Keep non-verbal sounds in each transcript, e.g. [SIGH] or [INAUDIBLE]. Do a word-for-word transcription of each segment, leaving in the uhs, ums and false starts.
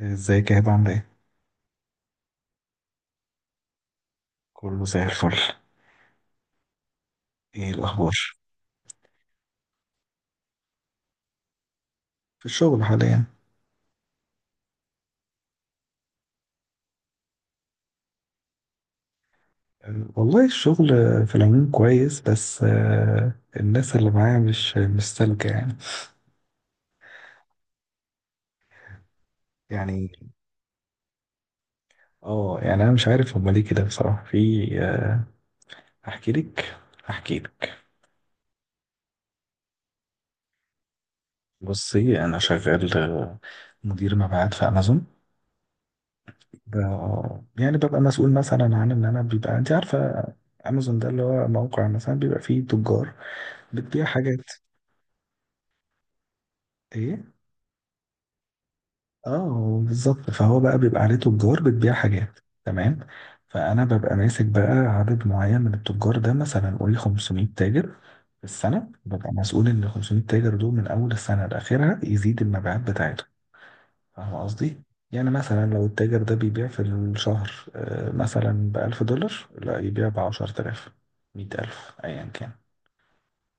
ازيك يا هبة عاملة ايه؟ كله زي الفل. ايه الأخبار؟ في الشغل حاليا. أه، والله الشغل في العموم كويس، بس آه، الناس اللي معايا مش مش سالكة يعني يعني اه يعني أنا مش عارف هما ليه كده بصراحة، في آه، أحكي لك أحكي لك بصي أنا شغال آه، مدير مبيعات في أمازون. ب- يعني ببقى مسؤول مثلا عن إن أنا بيبقى، أنت عارفة أمازون ده اللي هو موقع مثلا بيبقى فيه تجار بتبيع حاجات. ايه، اه بالظبط، فهو بقى بيبقى عليه تجار بتبيع حاجات، تمام. فانا ببقى ماسك بقى عدد معين من التجار ده، مثلا قولي خمسمية تاجر في السنه، ببقى مسؤول ان ال خمسمية تاجر دول من اول السنه لاخرها يزيد المبيعات بتاعته، فاهم قصدي؟ يعني مثلا لو التاجر ده بيبيع في الشهر آه، مثلا ب ألف دولار، لا يبيع ب عشر تلاف، مية ألف، ايا كان،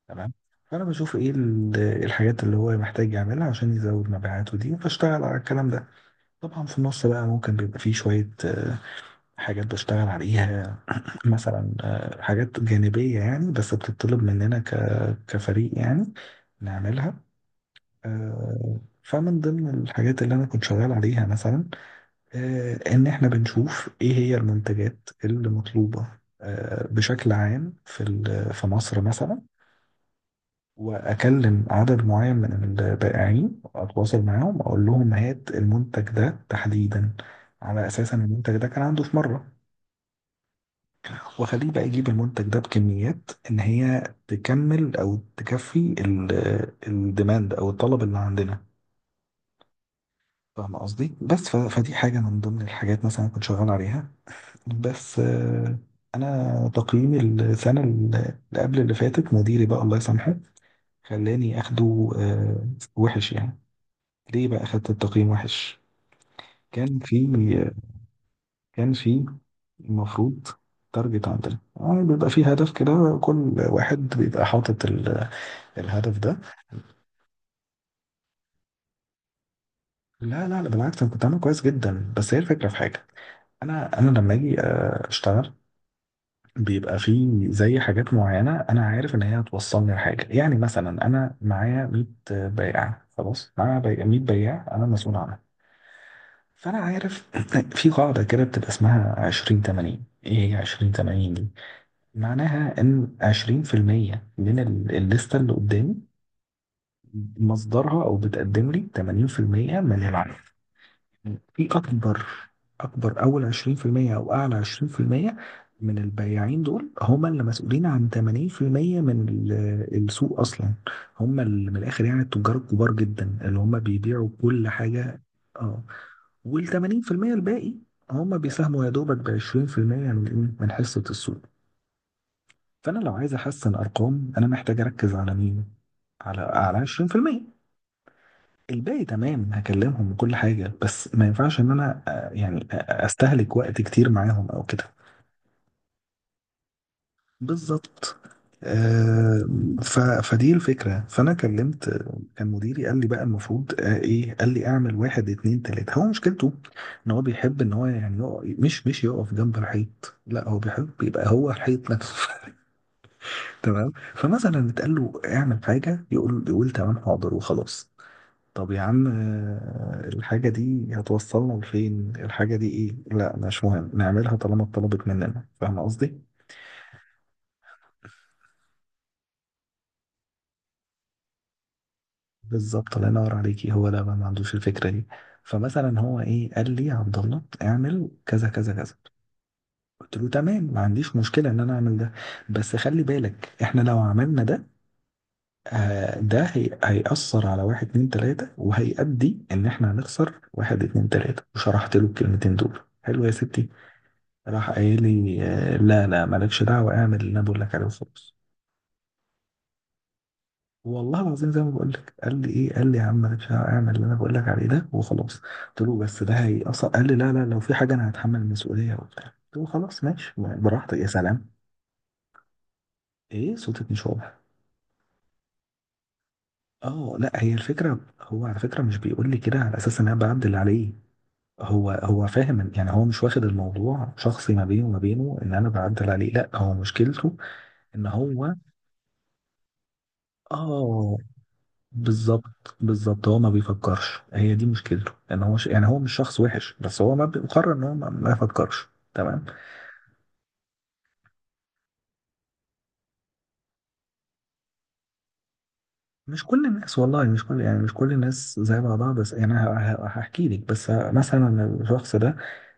تمام. فانا بشوف ايه ال- الحاجات اللي هو محتاج يعملها عشان يزود مبيعاته دي، فاشتغل على الكلام ده. طبعا في النص بقى ممكن بيبقى فيه شوية آه، حاجات بشتغل عليها. مثلا آه، حاجات جانبية يعني، بس بتطلب مننا ك- كفريق يعني نعملها. آه، فمن ضمن الحاجات اللي أنا كنت شغال عليها مثلا آه، إن إحنا بنشوف إيه هي المنتجات اللي مطلوبة آه، بشكل عام في ال- في مصر مثلا. واكلم عدد معين من البائعين واتواصل معاهم، اقول لهم هات المنتج ده تحديدا على اساس ان المنتج ده كان عنده في مره، واخليه بقى يجيب المنتج ده بكميات ان هي تكمل او تكفي الديماند او الطلب اللي عندنا، فاهم قصدي؟ بس ف- فدي حاجه من ضمن الحاجات مثلا كنت شغال عليها. بس آه، انا تقييمي السنه اللي قبل اللي فاتت، مديري بقى الله يسامحه خلاني اخده آه، وحش يعني. ليه بقى خدت التقييم وحش؟ كان في كان في المفروض، تارجت عندنا، آه بيبقى في هدف كده، كل واحد بيبقى حاطط ال- الهدف ده. لا لا لا، بالعكس انا كنت عامل كويس جدا، بس هي الفكره في حاجه. انا انا لما اجي آه، اشتغل، بيبقى في زي حاجات معينه انا عارف ان هي هتوصلني لحاجه. يعني مثلا انا معايا مية بائع، خلاص معايا بي- مية بياع انا مسؤول عنهم. فانا عارف [LAUGHS] في قاعده كده بتبقى اسمها عشرين ثمانين. ايه هي عشرين ثمانين دي؟ معناها ان عشرين في المية من ال- الليسته اللي قدامي مصدرها، او بتقدم لي ثمانين في المية من العدد. في اكبر اكبر اول عشرين في المية او اعلى عشرين في المية من البياعين دول هم اللي مسؤولين عن ثمانين في المية من ال- السوق اصلا، هم اللي من الاخر يعني التجار الكبار جدا اللي هم بيبيعوا كل حاجه، اه. وال تمانين بالمية الباقي هم بيساهموا يا دوبك ب عشرين في المية من ايه، من حصة السوق. فانا لو عايز احسن ارقام انا محتاج اركز على مين؟ على على عشرين في المية الباقي، تمام، هكلمهم وكل حاجة. بس ما ينفعش ان انا آه، يعني آه، استهلك وقت كتير معاهم او كده، بالظبط. آه، ف... فدي الفكرة. فأنا كلمت، كان مديري قال لي بقى المفروض آه، إيه، قال لي أعمل واحد اتنين تلاتة. هو مشكلته إن هو بيحب إن هو يعني يقف، مش مش يقف جنب الحيط، لا هو بيحب يبقى هو الحيط نفسه. [LAUGHS] تمام. فمثلا اتقال له اعمل حاجة، يقول يقول تمام حاضر وخلاص. طب يا عم آه، الحاجة دي هتوصلنا لفين؟ الحاجة دي إيه؟ لا مش مهم نعملها طالما اتطلبت مننا، فاهم قصدي؟ بالظبط، الله ينور عليكي، هو ده بقى ما عندوش الفكره دي. فمثلا هو ايه، قال لي يا عبد الله اعمل كذا كذا كذا. قلت له تمام، ما عنديش مشكله ان انا اعمل ده، بس خلي بالك احنا لو عملنا ده آه ده هي هيأثر على واحد اتنين تلاته، وهيؤدي ان احنا هنخسر واحد اتنين تلاته، وشرحت له الكلمتين دول حلو يا ستي. راح قايل لي آه لا لا مالكش دعوه، اعمل اللي انا بقول لك عليه وخلاص. والله العظيم زي ما بقول لك، قال لي ايه، قال لي يا عم انا مش هعمل اللي انا بقول لك عليه ده وخلاص. قلت له بس ده هي اصلا، قال لي لا لا لو في حاجه انا هتحمل المسؤوليه وبتاع. قلت له خلاص ماشي براحتك، يا سلام. ايه صوتك مش واضح؟ اه لا، هي الفكره، هو على فكره مش بيقول لي كده على اساس ان انا بعدل عليه. هو هو فاهم يعني، هو مش واخد الموضوع شخصي ما بينه وما بينه ان انا بعدل عليه، لا هو مشكلته ان هو اه. بالظبط بالظبط هو ما بيفكرش، هي دي مشكلته، ان هو ش... يعني هو مش شخص وحش، بس هو ما بيقرر ان هو ما, ما يفكرش، تمام. مش كل الناس والله، مش كل يعني مش كل الناس زي بعضها. بس يعني انا ه- ه- هحكي لك. بس مثلا الشخص ده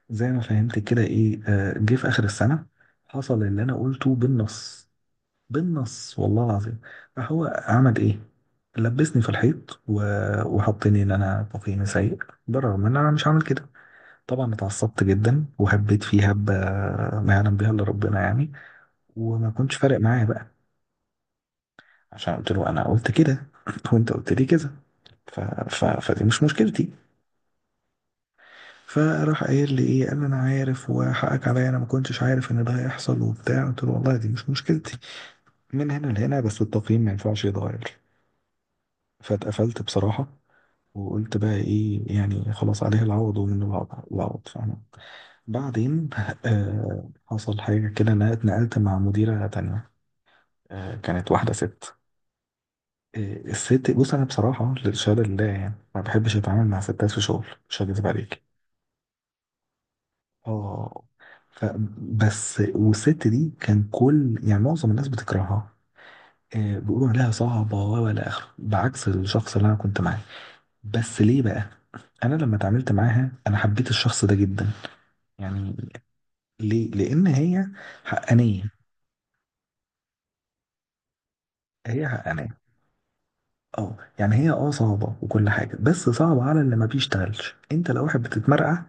زي ما فهمت كده ايه، آه، جه في اخر السنه حصل اللي انا قلته بالنص، بالنص والله العظيم. فهو عمل ايه؟ لبسني في الحيط و... وحطني ان انا تقييمي سيء، بالرغم ان انا مش عامل كده. طبعا اتعصبت جدا وهبيت فيه هبة ما يعلم بها الا ربنا يعني، وما كنتش فارق معايا بقى عشان قلت له انا قلت كده [LAUGHS] وانت قلت لي كده، ف... ف... فدي مش مشكلتي. فراح قايل لي ايه، قال لي انا عارف وحقك عليا، انا ما كنتش عارف ان ده هيحصل وبتاع. قلت له والله دي مش مشكلتي، من هنا لهنا، بس التقييم ما ينفعش يتغير. فاتقفلت بصراحة، وقلت بقى ايه يعني، خلاص عليه العوض ومنه العوض، العوض، فاهمة. بعدين [LAUGHS] آه حصل حاجة كده، انا اتنقلت مع مديرة تانية. آه، كانت واحدة ست. آه، الست، بص أنا بصراحة للشهادة لله يعني ما بحبش أتعامل مع ستات في شغل، مش هكذب عليك. اه، ف بس والست دي كان كل يعني معظم الناس بتكرهها، آه، بيقولوا عليها صعبة ولا آخره، بعكس الشخص اللي أنا كنت معاه. بس ليه بقى؟ أنا لما اتعاملت معاها أنا حبيت الشخص ده جدا يعني. ليه؟ لأن هي حقانية. هي حقانية. اه يعني هي اه صعبة وكل حاجة، بس صعبة على اللي ما بيشتغلش. انت لو واحد بتتمرقع،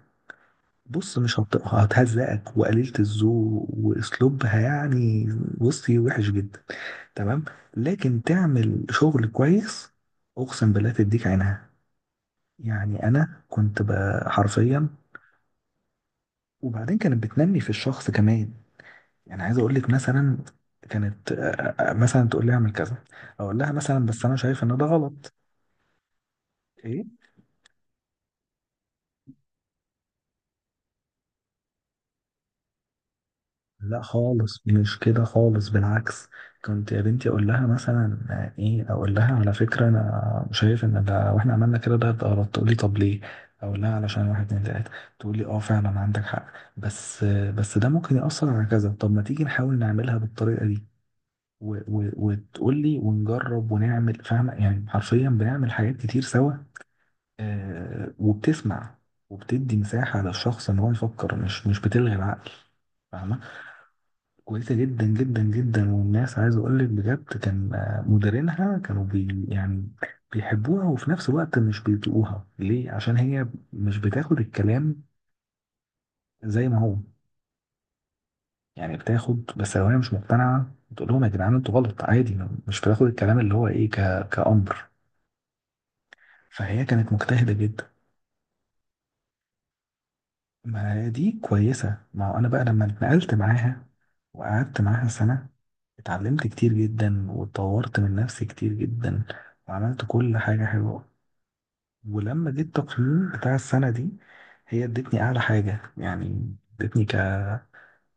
بص مش هت- هتهزقك، وقليلة الذوق واسلوبها يعني بصي وحش جدا، تمام. لكن تعمل شغل كويس، اقسم بالله تديك عينها يعني. انا كنت ب- حرفيا. وبعدين كانت بتنمي في الشخص كمان، يعني عايز اقول لك مثلا، كانت آه، آه، مثلا تقول لي اعمل كذا، اقول لها مثلا بس انا شايف ان ده غلط، ايه لا خالص مش كده خالص، بالعكس. كنت يا بنتي اقول لها مثلا آه، ايه، اقول لها على فكره انا شايف ان ده، واحنا عملنا كده ده غلط، تقول لي طب ليه؟ اقول لها علشان واحد اتنين تلاته، تقول لي اه فعلا عندك حق، بس آه، بس ده ممكن ياثر على كذا، طب ما تيجي نحاول نعملها بالطريقه دي، و و وتقول لي، ونجرب ونعمل، فاهمه؟ يعني حرفيا بنعمل حاجات كتير سوا. آه، وبتسمع، وبتدي مساحه للشخص ان هو يفكر، مش مش بتلغي العقل، فاهمه؟ كويسة جدا جدا جدا، والناس عايز اقول لك بجد كان آه، مديرينها كانوا بي يعني، بيحبوها وفي نفس الوقت مش بيطيقوها. ليه؟ عشان هي مش بتاخد الكلام زي ما هو يعني، بتاخد بس لو هي مش مقتنعة بتقول لهم يا جدعان انتوا غلط، عادي. مش بتاخد الكلام اللي هو ايه ك... كأمر. فهي كانت مجتهدة جدا. ما هي دي كويسة، ما هو أنا بقى لما اتنقلت معاها وقعدت معاها سنة، اتعلمت كتير جدا واتطورت من نفسي كتير جدا، وعملت كل حاجة حلوة. ولما جيت التقييم بتاع السنة دي، هي ادتني أعلى حاجة يعني، ادتني ك-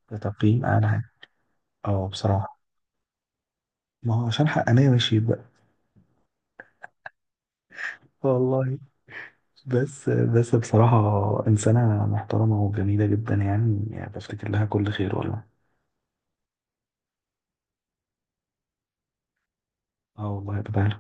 كتقييم أعلى حاجة. اه بصراحة، ما هو عشان حقانية، ماشي بقى. والله، بس بس بصراحة إنسانة محترمة وجميلة جدا يعني، يعني بفتكر لها كل خير والله. اه والله يا بدر،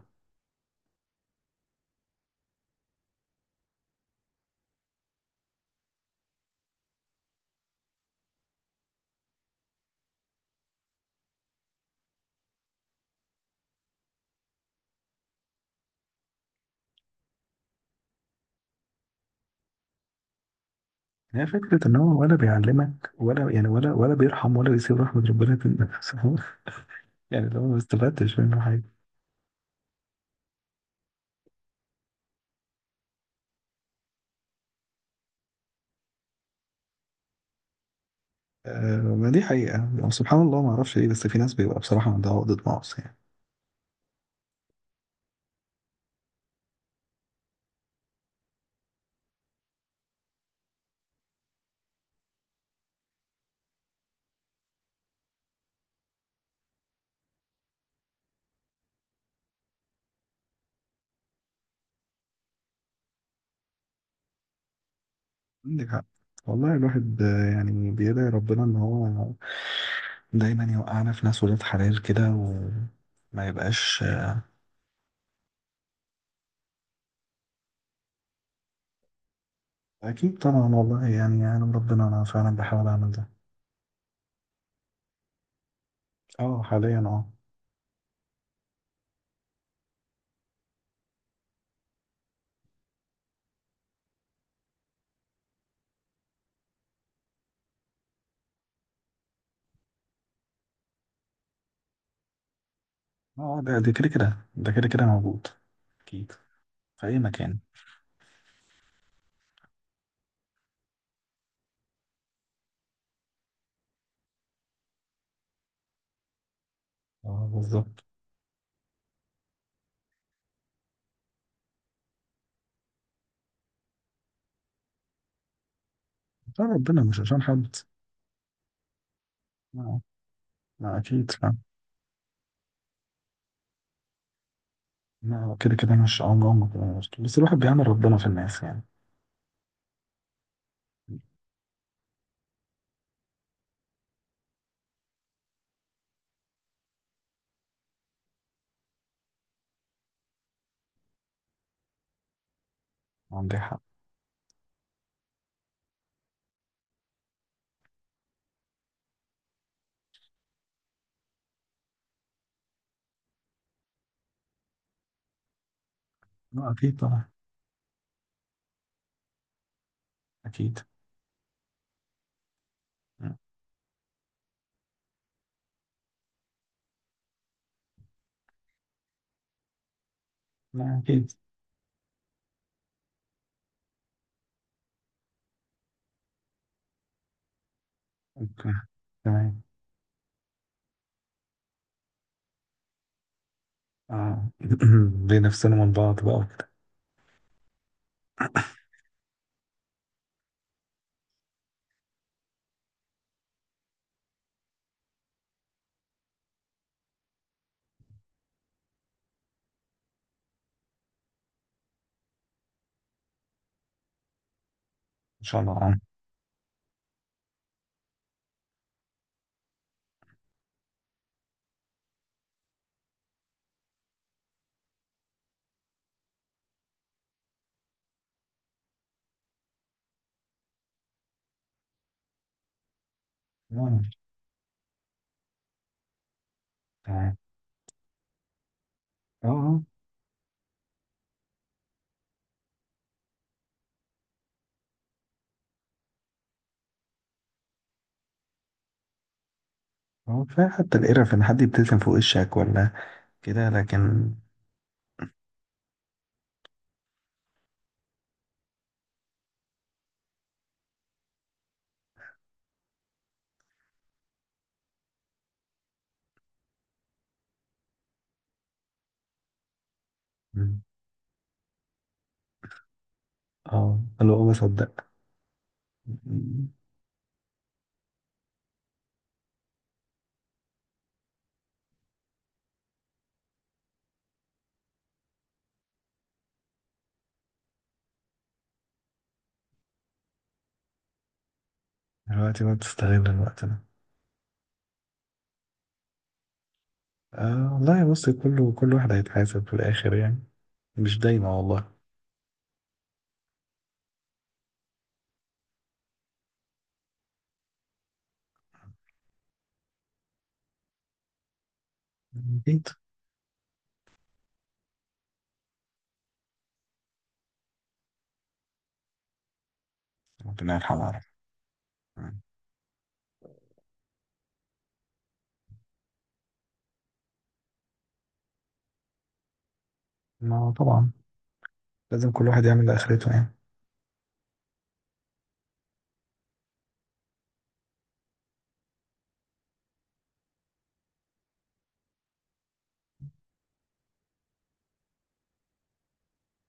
هي فكرة إن هو ولا بيعلمك ولا يعني ولا ولا بيرحم ولا بيسيب رحمة ربنا تنسى [LAUGHS] يعني لو ما استفدتش منه حاجة، آه ما دي حقيقة. يعني سبحان الله، ما أعرفش ليه بس في ناس بيبقى بصراحة عندها عقدة نقص يعني. عندك حق والله. الواحد آه، يعني بيدعي ربنا إن هو دايما يوقعنا في ناس ولاد حلال كده، وما يبقاش آه، أكيد طبعا، والله يعني يعلم ربنا أنا فعلا بحاول أعمل ده. أه حاليا، أه. أه، ده ده كده كده ده كده كده موجود، أكيد، في أي مكان. اه بالظبط، عشان ربنا مش عشان حد. لا، لا أكيد، فاهم. لا هو كده كده مش عمري عمري كده مش- بس الواحد بيعمل ربنا في الناس يعني. عندي حق. لا أكيد طبعا. أكيد. لا أكيد. أوكي، تمام. آه. [CLEARS THROAT] بنفسنا من بعض بقى وكده. إن شاء الله. آه. آه، تمام. آه آه. آه، كفاية حتى القرف إن حد يبتسم في وشك ولا كده، لكن. مم. آه اللي هو بصدق. مم. دلوقتي بقى بتستغل الوقت ده. آه والله، بص كله، كل واحد هيتحاسب في الآخر يعني. مش دايما والله. أكيد. ربنا يرحمه يا رب. ما طبعا لازم كل واحد يعمل لآخرته يعني.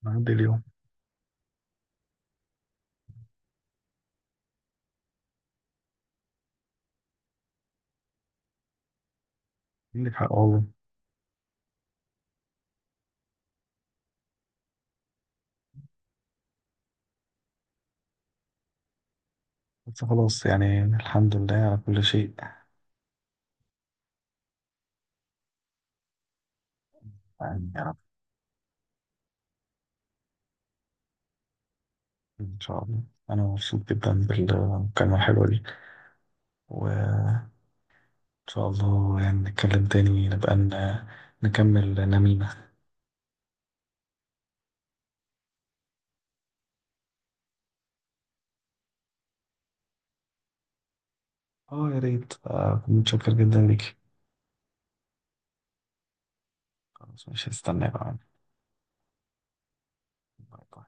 نعدي اليوم. عندك حق والله. بس خلاص يعني الحمد لله على كل شيء. يعني يا رب، إن شاء الله. أنا مبسوط جدا بالمكالمة الحلوة دي، وإن شاء الله يعني نتكلم تاني، نبقى ن- نكمل نميمة. اه يا ريت آه، كنت متشكر جدا ليك. خلاص مش هستناك بقى. باي باي